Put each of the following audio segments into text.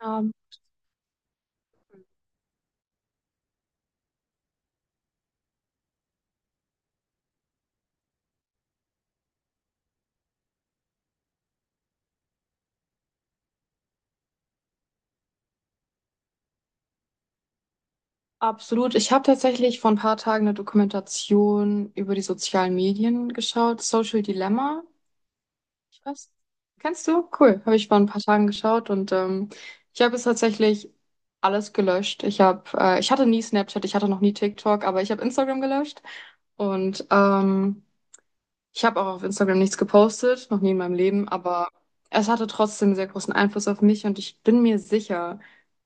Ja, absolut. Ich habe tatsächlich vor ein paar Tagen eine Dokumentation über die sozialen Medien geschaut, Social Dilemma. Ich weiß, kennst du? Cool. Habe ich vor ein paar Tagen geschaut ich habe es tatsächlich alles gelöscht. Ich habe, ich hatte nie Snapchat, ich hatte noch nie TikTok, aber ich habe Instagram gelöscht und ähm, ich habe auch auf Instagram nichts gepostet, noch nie in meinem Leben, aber es hatte trotzdem einen sehr großen Einfluss auf mich und ich bin mir sicher,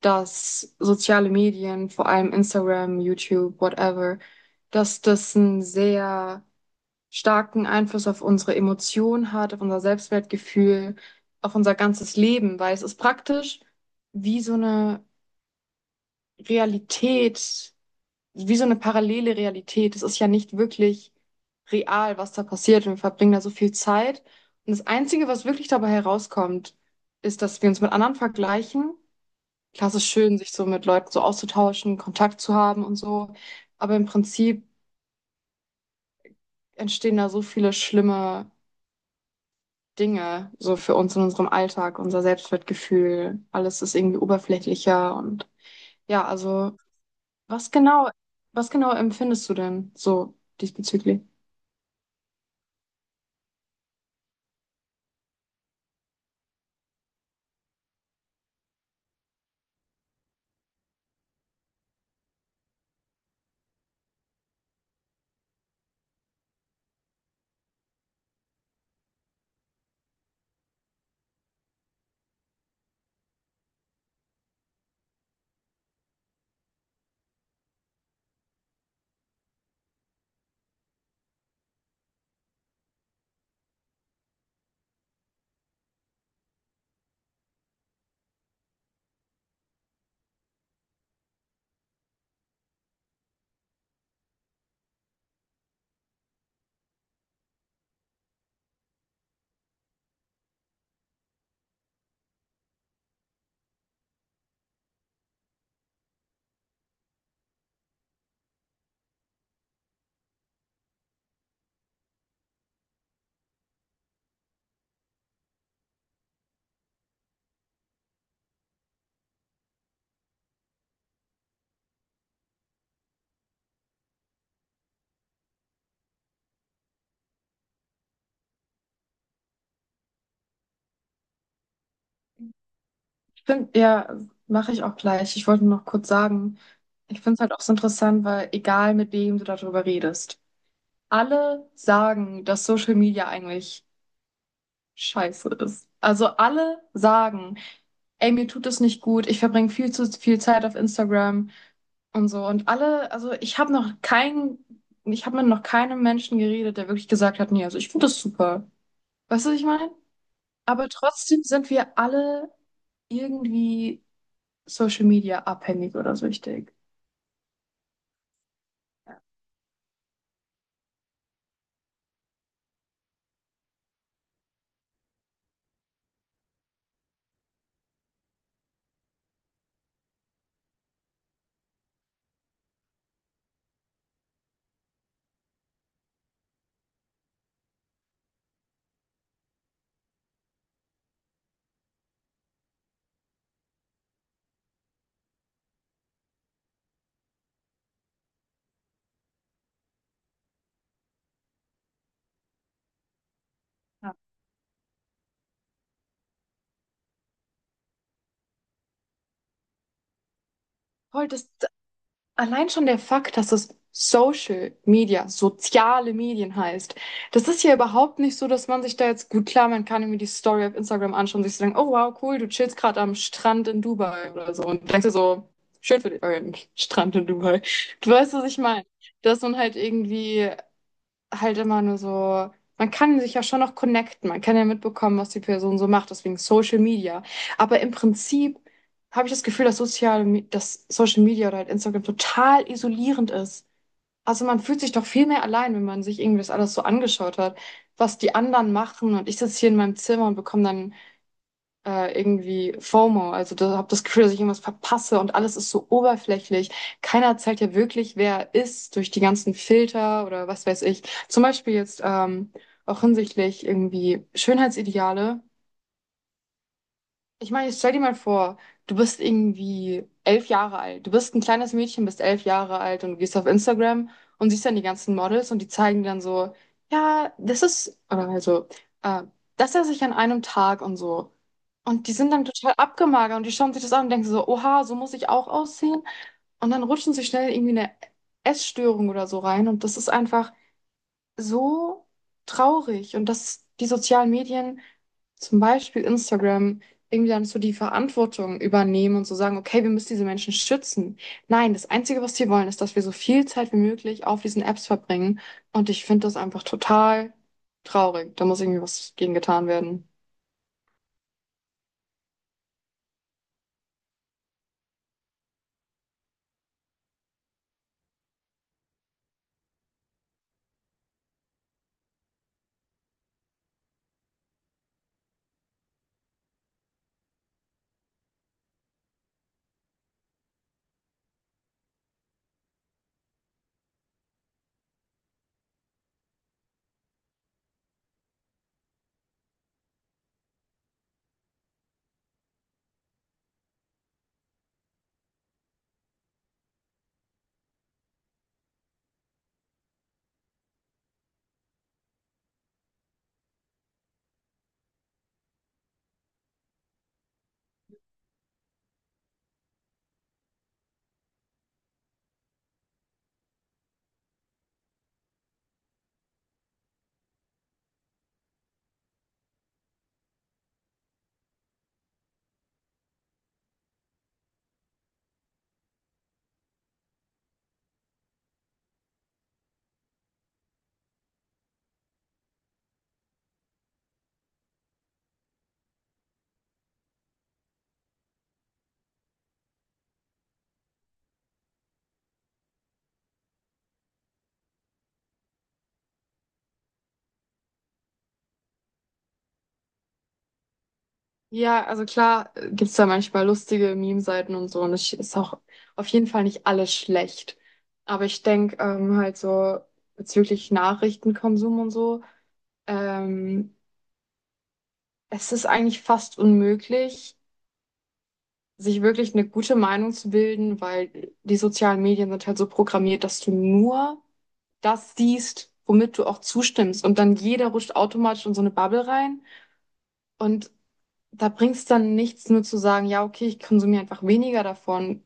dass soziale Medien, vor allem Instagram, YouTube, whatever, dass das einen sehr starken Einfluss auf unsere Emotionen hat, auf unser Selbstwertgefühl, auf unser ganzes Leben, weil es ist praktisch wie so eine Realität, wie so eine parallele Realität. Es ist ja nicht wirklich real, was da passiert und wir verbringen da so viel Zeit. Und das Einzige, was wirklich dabei herauskommt, ist, dass wir uns mit anderen vergleichen. Klar, es ist schön, sich so mit Leuten so auszutauschen, Kontakt zu haben und so. Aber im Prinzip entstehen da so viele schlimme Dinge, so für uns in unserem Alltag, unser Selbstwertgefühl. Alles ist irgendwie oberflächlicher und ja, also was genau, was genau empfindest du denn so diesbezüglich? Find, ja, mache ich auch gleich. Ich wollte nur noch kurz sagen, ich finde es halt auch so interessant, weil egal mit wem du darüber redest, alle sagen, dass Social Media eigentlich scheiße ist. Also alle sagen, ey, mir tut es nicht gut, ich verbringe viel zu viel Zeit auf Instagram und so. Und alle, also ich habe noch keinen, ich habe mit noch keinem Menschen geredet, der wirklich gesagt hat, nee, also ich finde das super. Weißt du, was ich meine? Aber trotzdem sind wir alle irgendwie Social Media abhängig oder süchtig. Ja. Voll, das, allein schon der Fakt, dass es Social Media, soziale Medien heißt, das ist ja überhaupt nicht so, dass man sich da jetzt gut, klar, man kann irgendwie die Story auf Instagram anschauen und sich so denken, oh wow, cool, du chillst gerade am Strand in Dubai oder so. Und denkst dir so, schön für dich, Strand in Dubai. Du weißt, was ich meine. Dass man halt irgendwie halt immer nur so, man kann sich ja schon noch connecten, man kann ja mitbekommen, was die Person so macht, deswegen Social Media. Aber im Prinzip habe ich das Gefühl, dass Social Media oder halt Instagram total isolierend ist. Also man fühlt sich doch viel mehr allein, wenn man sich irgendwie das alles so angeschaut hat, was die anderen machen. Und ich sitze hier in meinem Zimmer und bekomme dann irgendwie FOMO, also da habe das Gefühl, dass ich irgendwas verpasse und alles ist so oberflächlich. Keiner zeigt ja wirklich, wer er ist durch die ganzen Filter oder was weiß ich. Zum Beispiel jetzt auch hinsichtlich irgendwie Schönheitsideale. Ich meine, jetzt stell dir mal vor, du bist irgendwie 11 Jahre alt. Du bist ein kleines Mädchen, bist 11 Jahre alt und gehst auf Instagram und siehst dann die ganzen Models und die zeigen dann so, ja, das ist, oder also, äh, das esse ich an einem Tag und so. Und die sind dann total abgemagert und die schauen sich das an und denken so, oha, so muss ich auch aussehen. Und dann rutschen sie schnell irgendwie eine Essstörung oder so rein. Und das ist einfach so traurig. Und dass die sozialen Medien, zum Beispiel Instagram, irgendwie dann so die Verantwortung übernehmen und so sagen, okay, wir müssen diese Menschen schützen. Nein, das Einzige, was sie wollen, ist, dass wir so viel Zeit wie möglich auf diesen Apps verbringen. Und ich finde das einfach total traurig. Da muss irgendwie was gegen getan werden. Ja, also klar, gibt's da manchmal lustige Meme-Seiten und so und es ist auch auf jeden Fall nicht alles schlecht. Aber ich denk, halt so bezüglich Nachrichtenkonsum und so, ähm, es ist eigentlich fast unmöglich, sich wirklich eine gute Meinung zu bilden, weil die sozialen Medien sind halt so programmiert, dass du nur das siehst, womit du auch zustimmst und dann jeder rutscht automatisch in so eine Bubble rein und da bringt's dann nichts, nur zu sagen, ja, okay, ich konsumiere einfach weniger davon.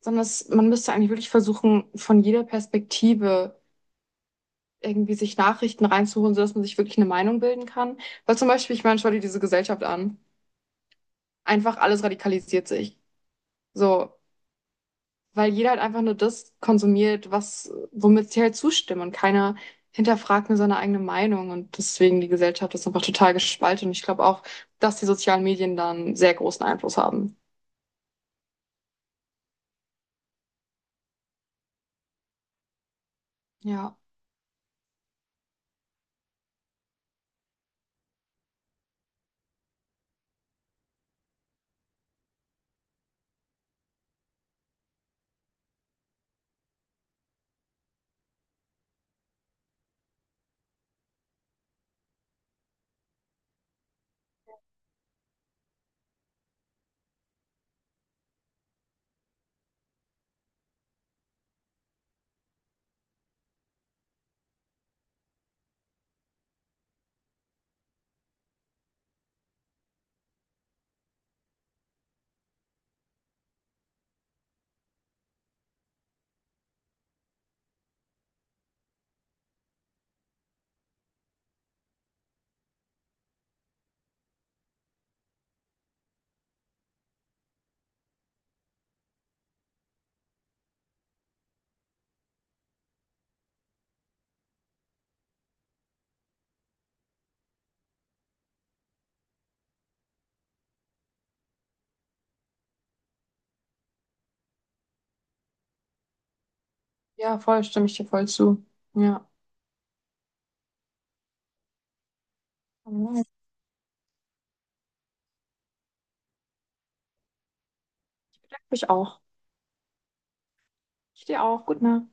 Sondern es, man müsste eigentlich wirklich versuchen, von jeder Perspektive irgendwie sich Nachrichten reinzuholen, sodass man sich wirklich eine Meinung bilden kann. Weil zum Beispiel, ich meine, schau dir diese Gesellschaft an. Einfach alles radikalisiert sich. So, weil jeder halt einfach nur das konsumiert, was, womit sie halt zustimmen und keiner hinterfragt nur seine eigene Meinung und deswegen die Gesellschaft ist einfach total gespalten und ich glaube auch, dass die sozialen Medien da einen sehr großen Einfluss haben. Ja, ja, voll, stimme ich dir voll zu. Ja, ich. Mhm. Ich auch. Ich dir auch. Gut, Nacht.